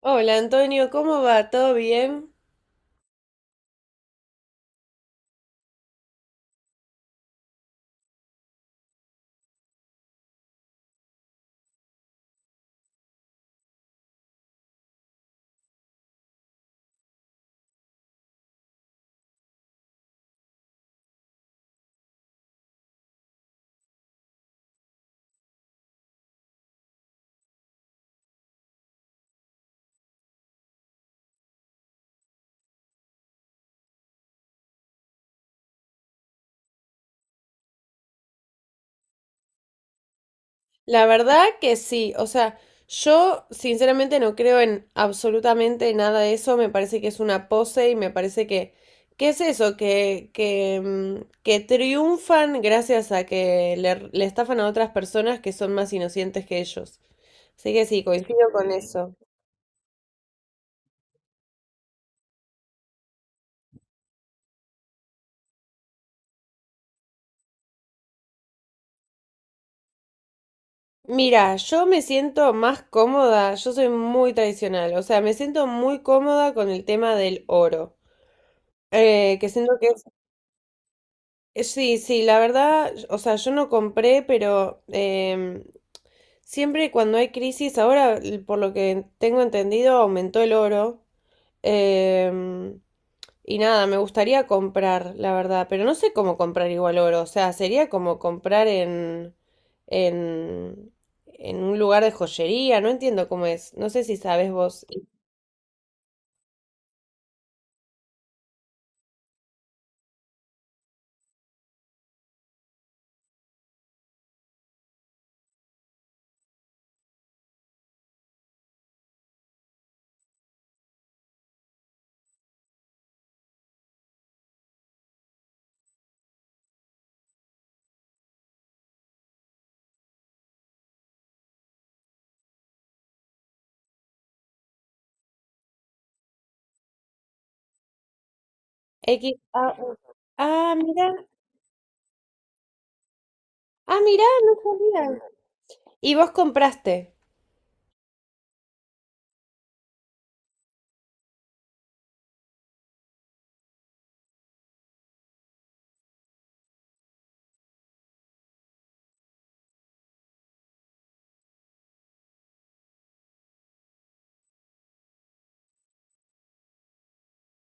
Hola Antonio, ¿cómo va? ¿Todo bien? La verdad que sí, o sea, yo sinceramente no creo en absolutamente nada de eso, me parece que es una pose y me parece que, ¿qué es eso? Que triunfan gracias a que le estafan a otras personas que son más inocentes que ellos. Así que sí, coincido con eso. Mira, yo me siento más cómoda, yo soy muy tradicional, o sea, me siento muy cómoda con el tema del oro. Que siento que es. Sí, sí, la verdad, o sea, yo no compré, pero siempre cuando hay crisis, ahora por lo que tengo entendido, aumentó el oro. em, y nada, me gustaría comprar, la verdad, pero no sé cómo comprar igual oro. O sea, sería como comprar en, en un lugar de joyería, no entiendo cómo es. No sé si sabes vos. X, A, U. Ah, mira, ah, mira, no sabía. Y vos compraste,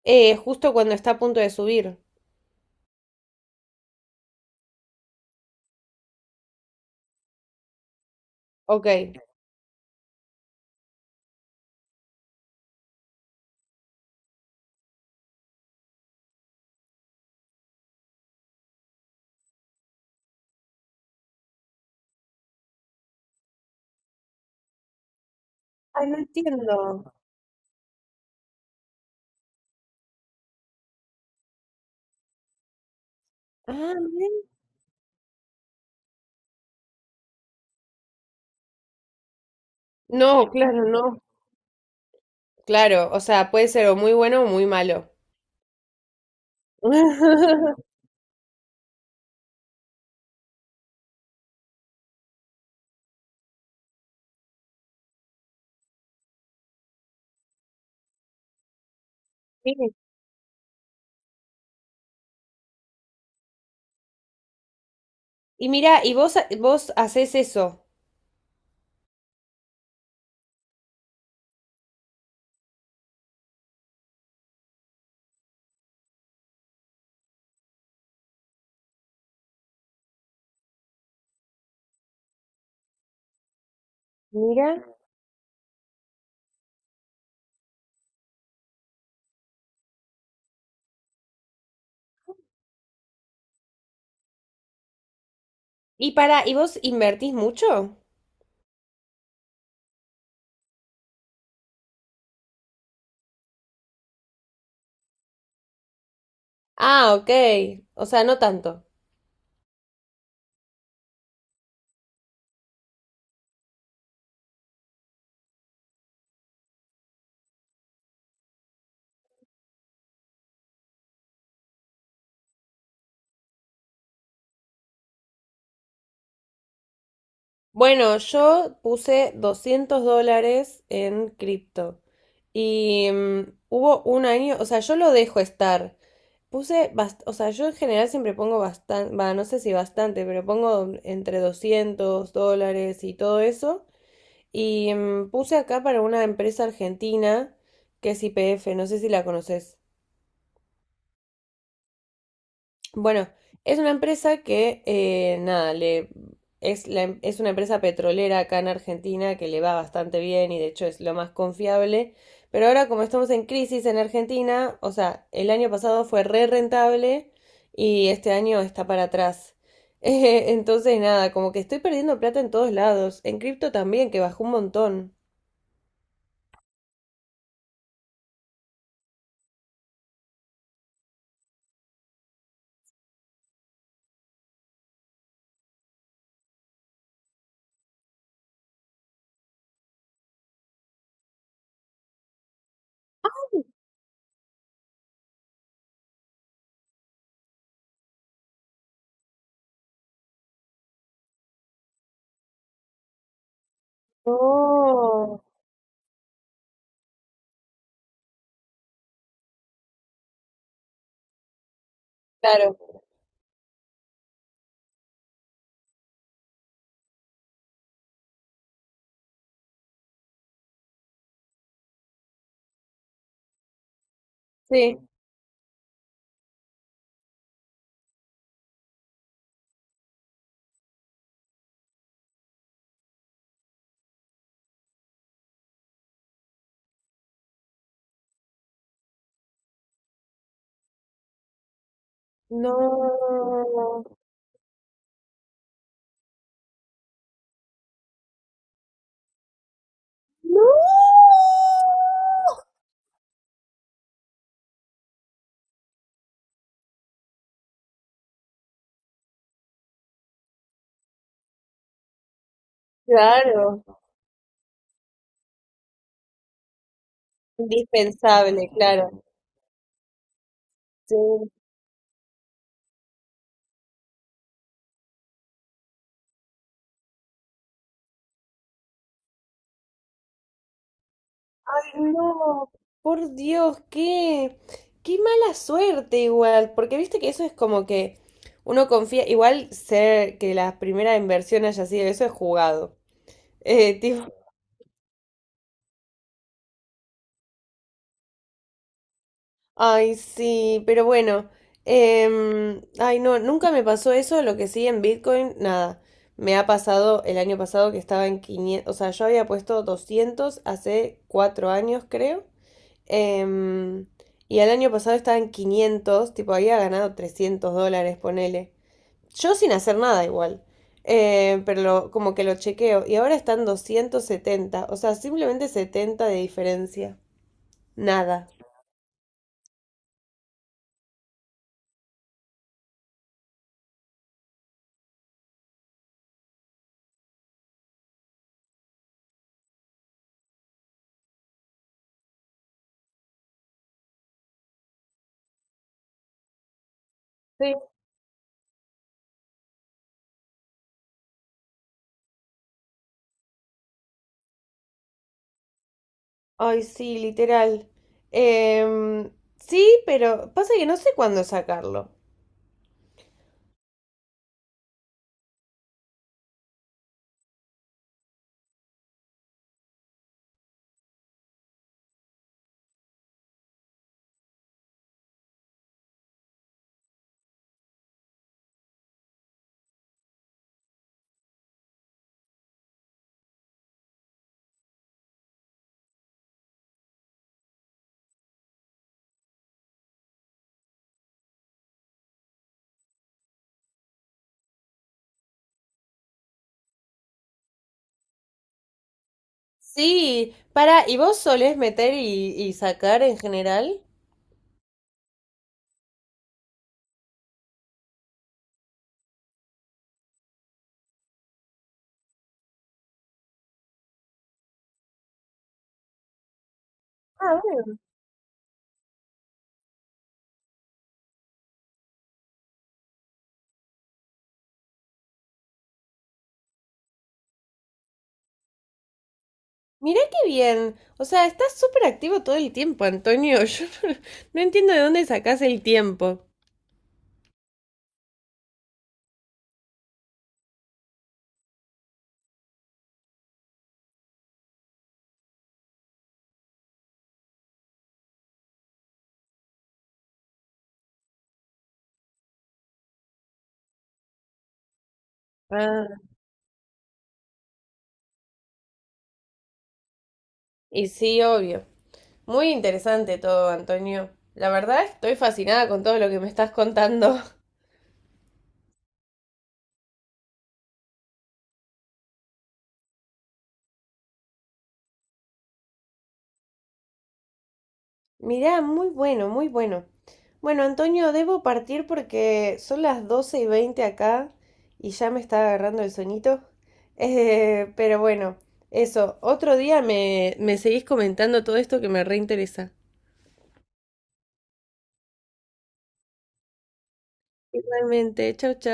justo cuando está a punto de subir. Ok. Ay, no entiendo. Ah, bien. No, claro, no. Claro, o sea, puede ser o muy bueno o muy malo. Sí. Y mira, y vos, vos haces eso. Mira. Y para, ¿y vos invertís mucho? Ah, ok. O sea, no tanto. Bueno, yo puse $200 en cripto. Y hubo un año, o sea, yo lo dejo estar. Puse, o sea, yo en general siempre pongo bastante, va, no sé si bastante, pero pongo entre $200 y todo eso. Y puse acá para una empresa argentina que es IPF, no sé si la conoces. Bueno, es una empresa que, nada, le, es, es una empresa petrolera acá en Argentina que le va bastante bien y de hecho es lo más confiable. Pero ahora como estamos en crisis en Argentina, o sea, el año pasado fue re rentable y este año está para atrás. Entonces, nada, como que estoy perdiendo plata en todos lados. En cripto también, que bajó un montón. No, claro, sí. No. No. Claro, indispensable, claro. Sí. Ay, no, por Dios, qué, mala suerte igual, porque viste que eso es como que uno confía, igual ser que la primera inversión haya sido eso es jugado. Tipo, ay, sí, pero bueno, ay, no, nunca me pasó eso, lo que sí en Bitcoin, nada. Me ha pasado el año pasado que estaba en 500, o sea, yo había puesto 200 hace 4 años, creo. Em, y el año pasado estaba en 500, tipo había ganado $300, ponele. Yo sin hacer nada igual. Pero como que lo chequeo. Y ahora están 270, o sea, simplemente 70 de diferencia. Nada. Sí. Ay, sí, literal. Em, sí, pero pasa que no sé cuándo sacarlo. Sí, para, ¿y vos solés meter y sacar en general? Ah. Mirá qué bien. O sea, estás súper activo todo el tiempo, Antonio. Yo no, no entiendo de dónde sacás el tiempo. Ah, y sí, obvio. Muy interesante todo, Antonio. La verdad, estoy fascinada con todo lo que me estás contando. Mirá, muy bueno, muy bueno. Bueno, Antonio, debo partir porque son las 12:20 acá y ya me está agarrando el sueñito. Pero bueno, eso, otro día me seguís comentando todo esto que me reinteresa. Igualmente, chao, chao.